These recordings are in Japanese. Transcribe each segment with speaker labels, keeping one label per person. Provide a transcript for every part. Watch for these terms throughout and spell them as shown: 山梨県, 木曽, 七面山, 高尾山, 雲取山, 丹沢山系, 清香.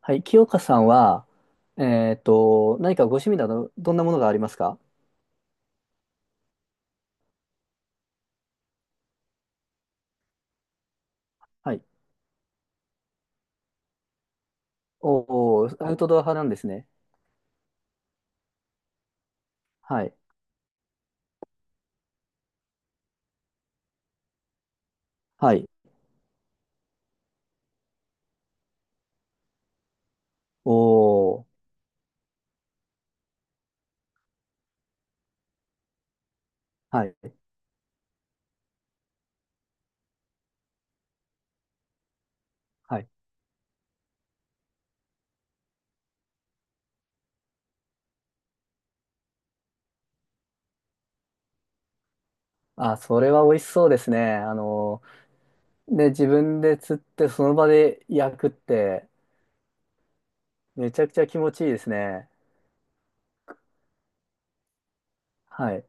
Speaker 1: はい、清香さんは、何かご趣味など、どんなものがありますか？はい。おお、アウトドア派なんですね。はい。はい。おお、はい。はい。あ、それは美味しそうですね。で、自分で釣って、その場で焼くって、めちゃくちゃ気持ちいいですね。はい。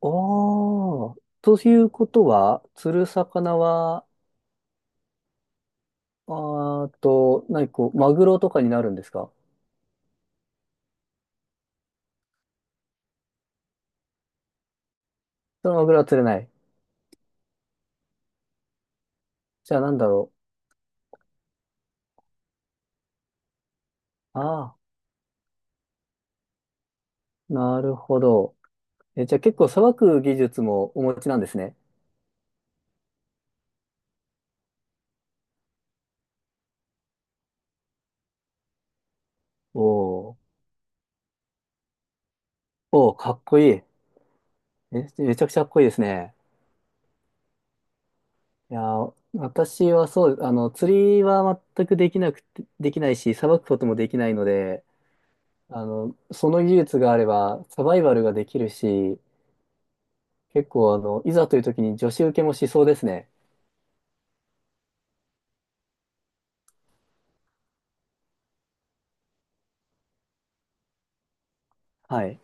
Speaker 1: おお、ということは、釣る魚は、あーっと、何こう、マグロとかになるんですか？そのマグロは釣れない。じゃあなんだろう。ああ。なるほど。え、じゃあ結構さばく技術もお持ちなんですね。おーおー、かっこいい。え、めちゃくちゃかっこいいですね。いやー、私はそう、釣りは全くできなくて、できないし、さばくこともできないので、その技術があれば、サバイバルができるし、結構、いざという時に女子受けもしそうですね。はい。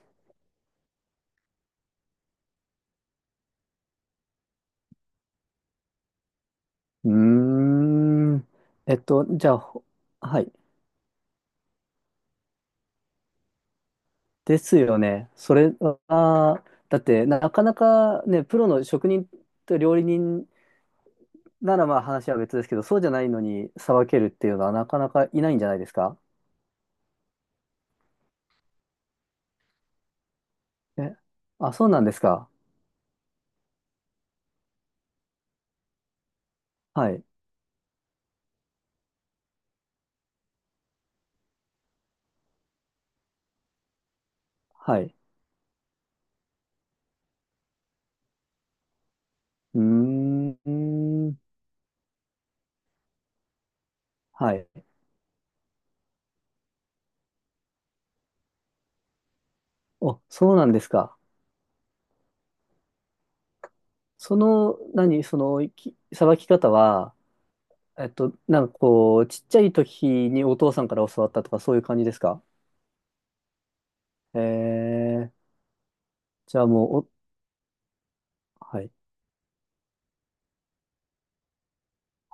Speaker 1: うーん。じゃあ、はい。ですよね。それは、だってなかなかね、プロの職人と料理人ならまあ話は別ですけど、そうじゃないのにさばけるっていうのはなかなかいないんじゃないですか？え、あ、そうなんですか。はい。はい。うーん。はい。お、そうなんですか。そのさばき方は、なんかこう、ちっちゃい時にお父さんから教わったとかそういう感じですか？えー、じゃあもう、お、はい。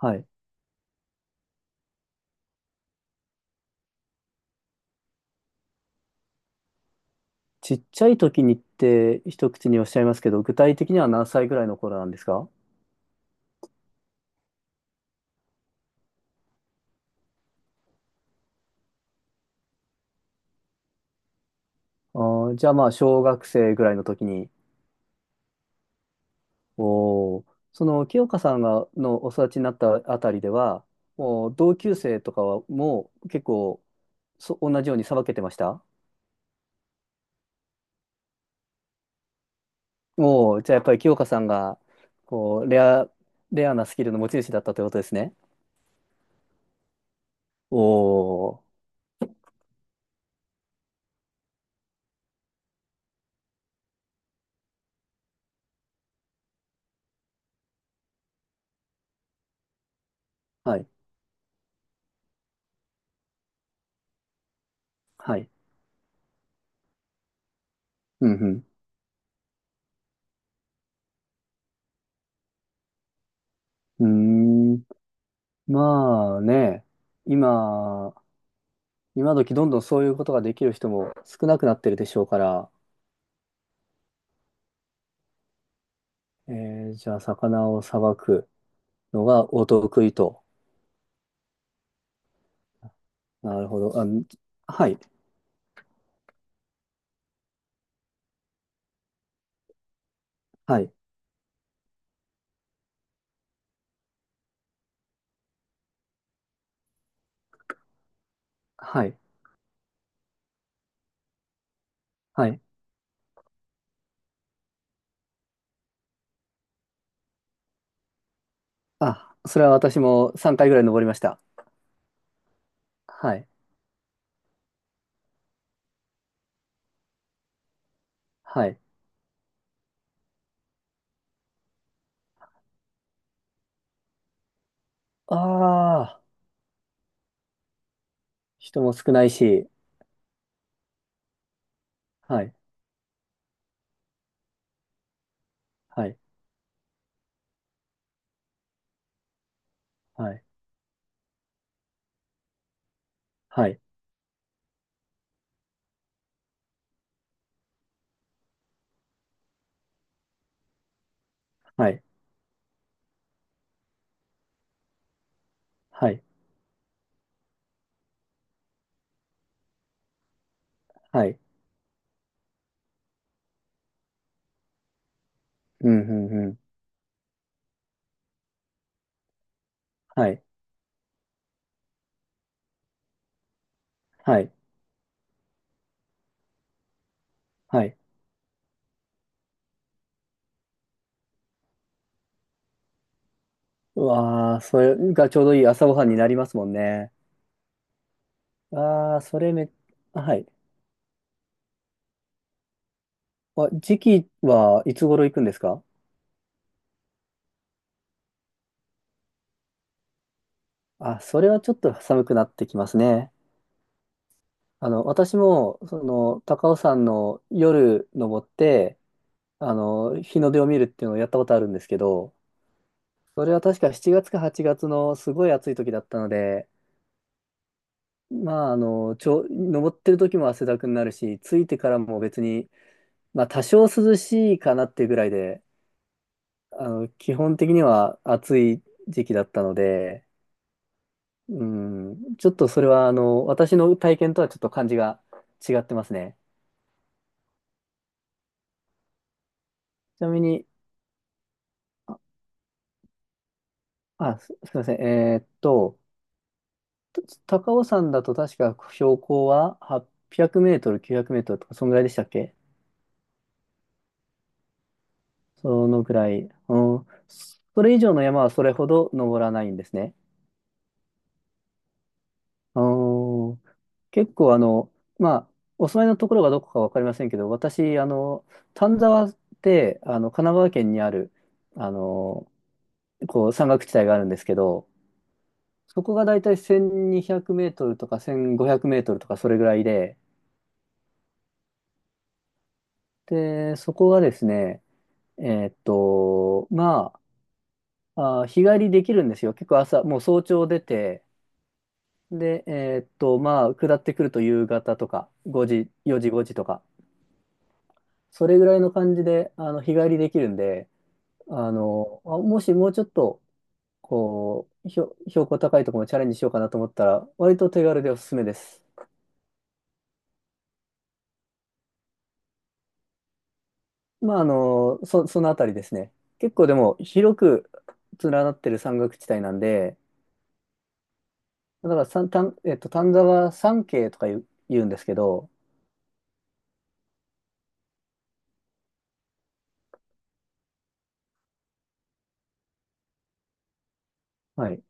Speaker 1: はい。ちっちゃい時にって一口におっしゃいますけど、具体的には何歳ぐらいの頃なんですか？あーじゃあまあ、小学生ぐらいの時に、おー、その清香さんがのお育ちになったあたりでは、もう同級生とかはもう結構同じようにさばけてました？おー、じゃあやっぱり清香さんがこうレアなスキルの持ち主だったということですね。おー、はい、はい。うんうん。うーん、まあね、今、今時どんどんそういうことができる人も少なくなってるでしょうから、じゃあ魚をさばくのがお得意と。なるほど。あ、はい、はい、はい、はい。あ、それは私も3回ぐらい登りました。はい、はい。ああ、人も少ないし、はい、はい、はい、はい、はい、はい、はい、うん、うん、うん、はい、はい、はい。うわあ、それがちょうどいい朝ごはんになりますもんね。ああ、それめ、あ、はい。あ、時期はいつ頃行くんですか？あ、それはちょっと寒くなってきますね。私も、その、高尾山の夜登って、日の出を見るっていうのをやったことあるんですけど、それは確か7月か8月のすごい暑い時だったので、まあ、登ってる時も汗だくになるし、着いてからも別に、まあ、多少涼しいかなっていうぐらいで、基本的には暑い時期だったので、うん、ちょっとそれは、私の体験とはちょっと感じが違ってますね。ちなみに、あ、すみません。高尾山だと確か標高は800メートル、900メートルとか、そのぐらいでしたっけ？そのぐらい。うん、それ以上の山はそれほど登らないんですね。うん、結構、まあ、お住まいのところがどこかわかりませんけど、私、丹沢って、神奈川県にある、あの、こう山岳地帯があるんですけど、そこがだいたい1200メートルとか1500メートルとかそれぐらいで、で、そこがですね、まあ、日帰りできるんですよ。結構朝、もう早朝出て、で、まあ、下ってくると夕方とか、5時、4時、5時とか、それぐらいの感じで、日帰りできるんで、もしもうちょっと、こう、標高高いところもチャレンジしようかなと思ったら、割と手軽でおすすめです。まあ、そのあたりですね。結構でも広く連なってる山岳地帯なんで、だから三、丹えっと、丹沢山系とか言うんですけど、はい。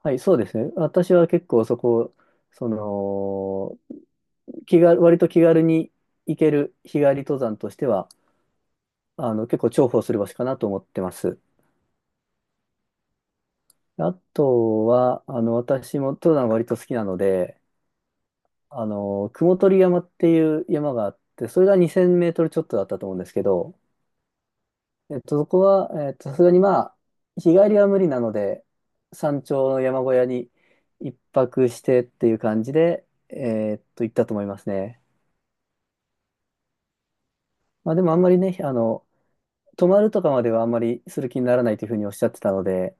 Speaker 1: はい、そうですね。私は結構そこ、その、気が、割と気軽に行ける日帰り登山としては、結構重宝する場所かなと思ってます。あとは、私も登山割と好きなので、雲取山っていう山があって、それが2000メートルちょっとだったと思うんですけど、そこは、さすがにまあ、日帰りは無理なので、山頂の山小屋に一泊してっていう感じで、行ったと思いますね。まあでもあんまりね、泊まるとかまではあんまりする気にならないというふうにおっしゃってたので、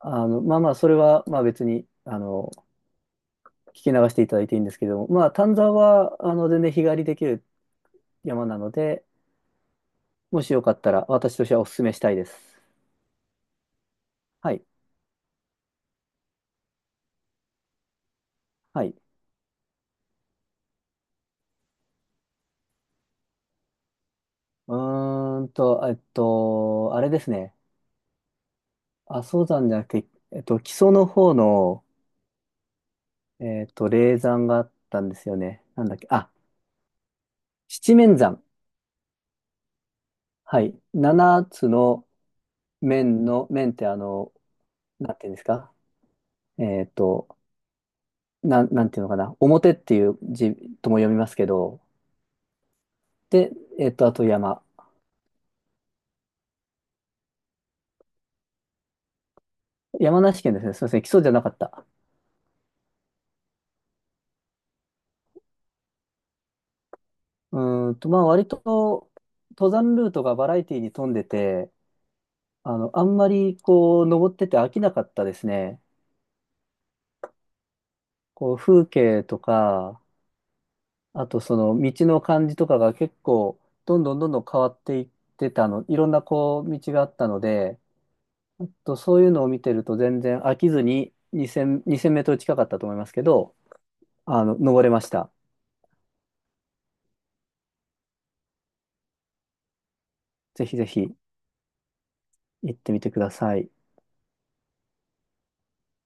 Speaker 1: まあまあ、それはまあ別に、聞き流していただいていいんですけども、まあ、丹沢は、全然日帰りできる山なので、もしよかったら私としてはお勧めしたいです。はい。はい。うーんと、あれですね。阿蘇山じゃなくて、木曽の方の、霊山があったんですよね。なんだっけ、あ、七面山。はい。七つの面の、面ってなんていうんですか？えっと、なんていうのかな。表っていう字とも読みますけど、で、あと山。山梨県ですね。すみません。木曽じゃなかった。うーんと、まあ、割と、登山ルートがバラエティに富んでて、あんまり、こう、登ってて飽きなかったですね。こう風景とか、あとその道の感じとかが結構どんどんどんどん変わっていってたの、いろんなこう道があったので、そういうのを見てると全然飽きずに2000、2000メートル近かったと思いますけど、登れました。ぜひぜひ行ってみてください。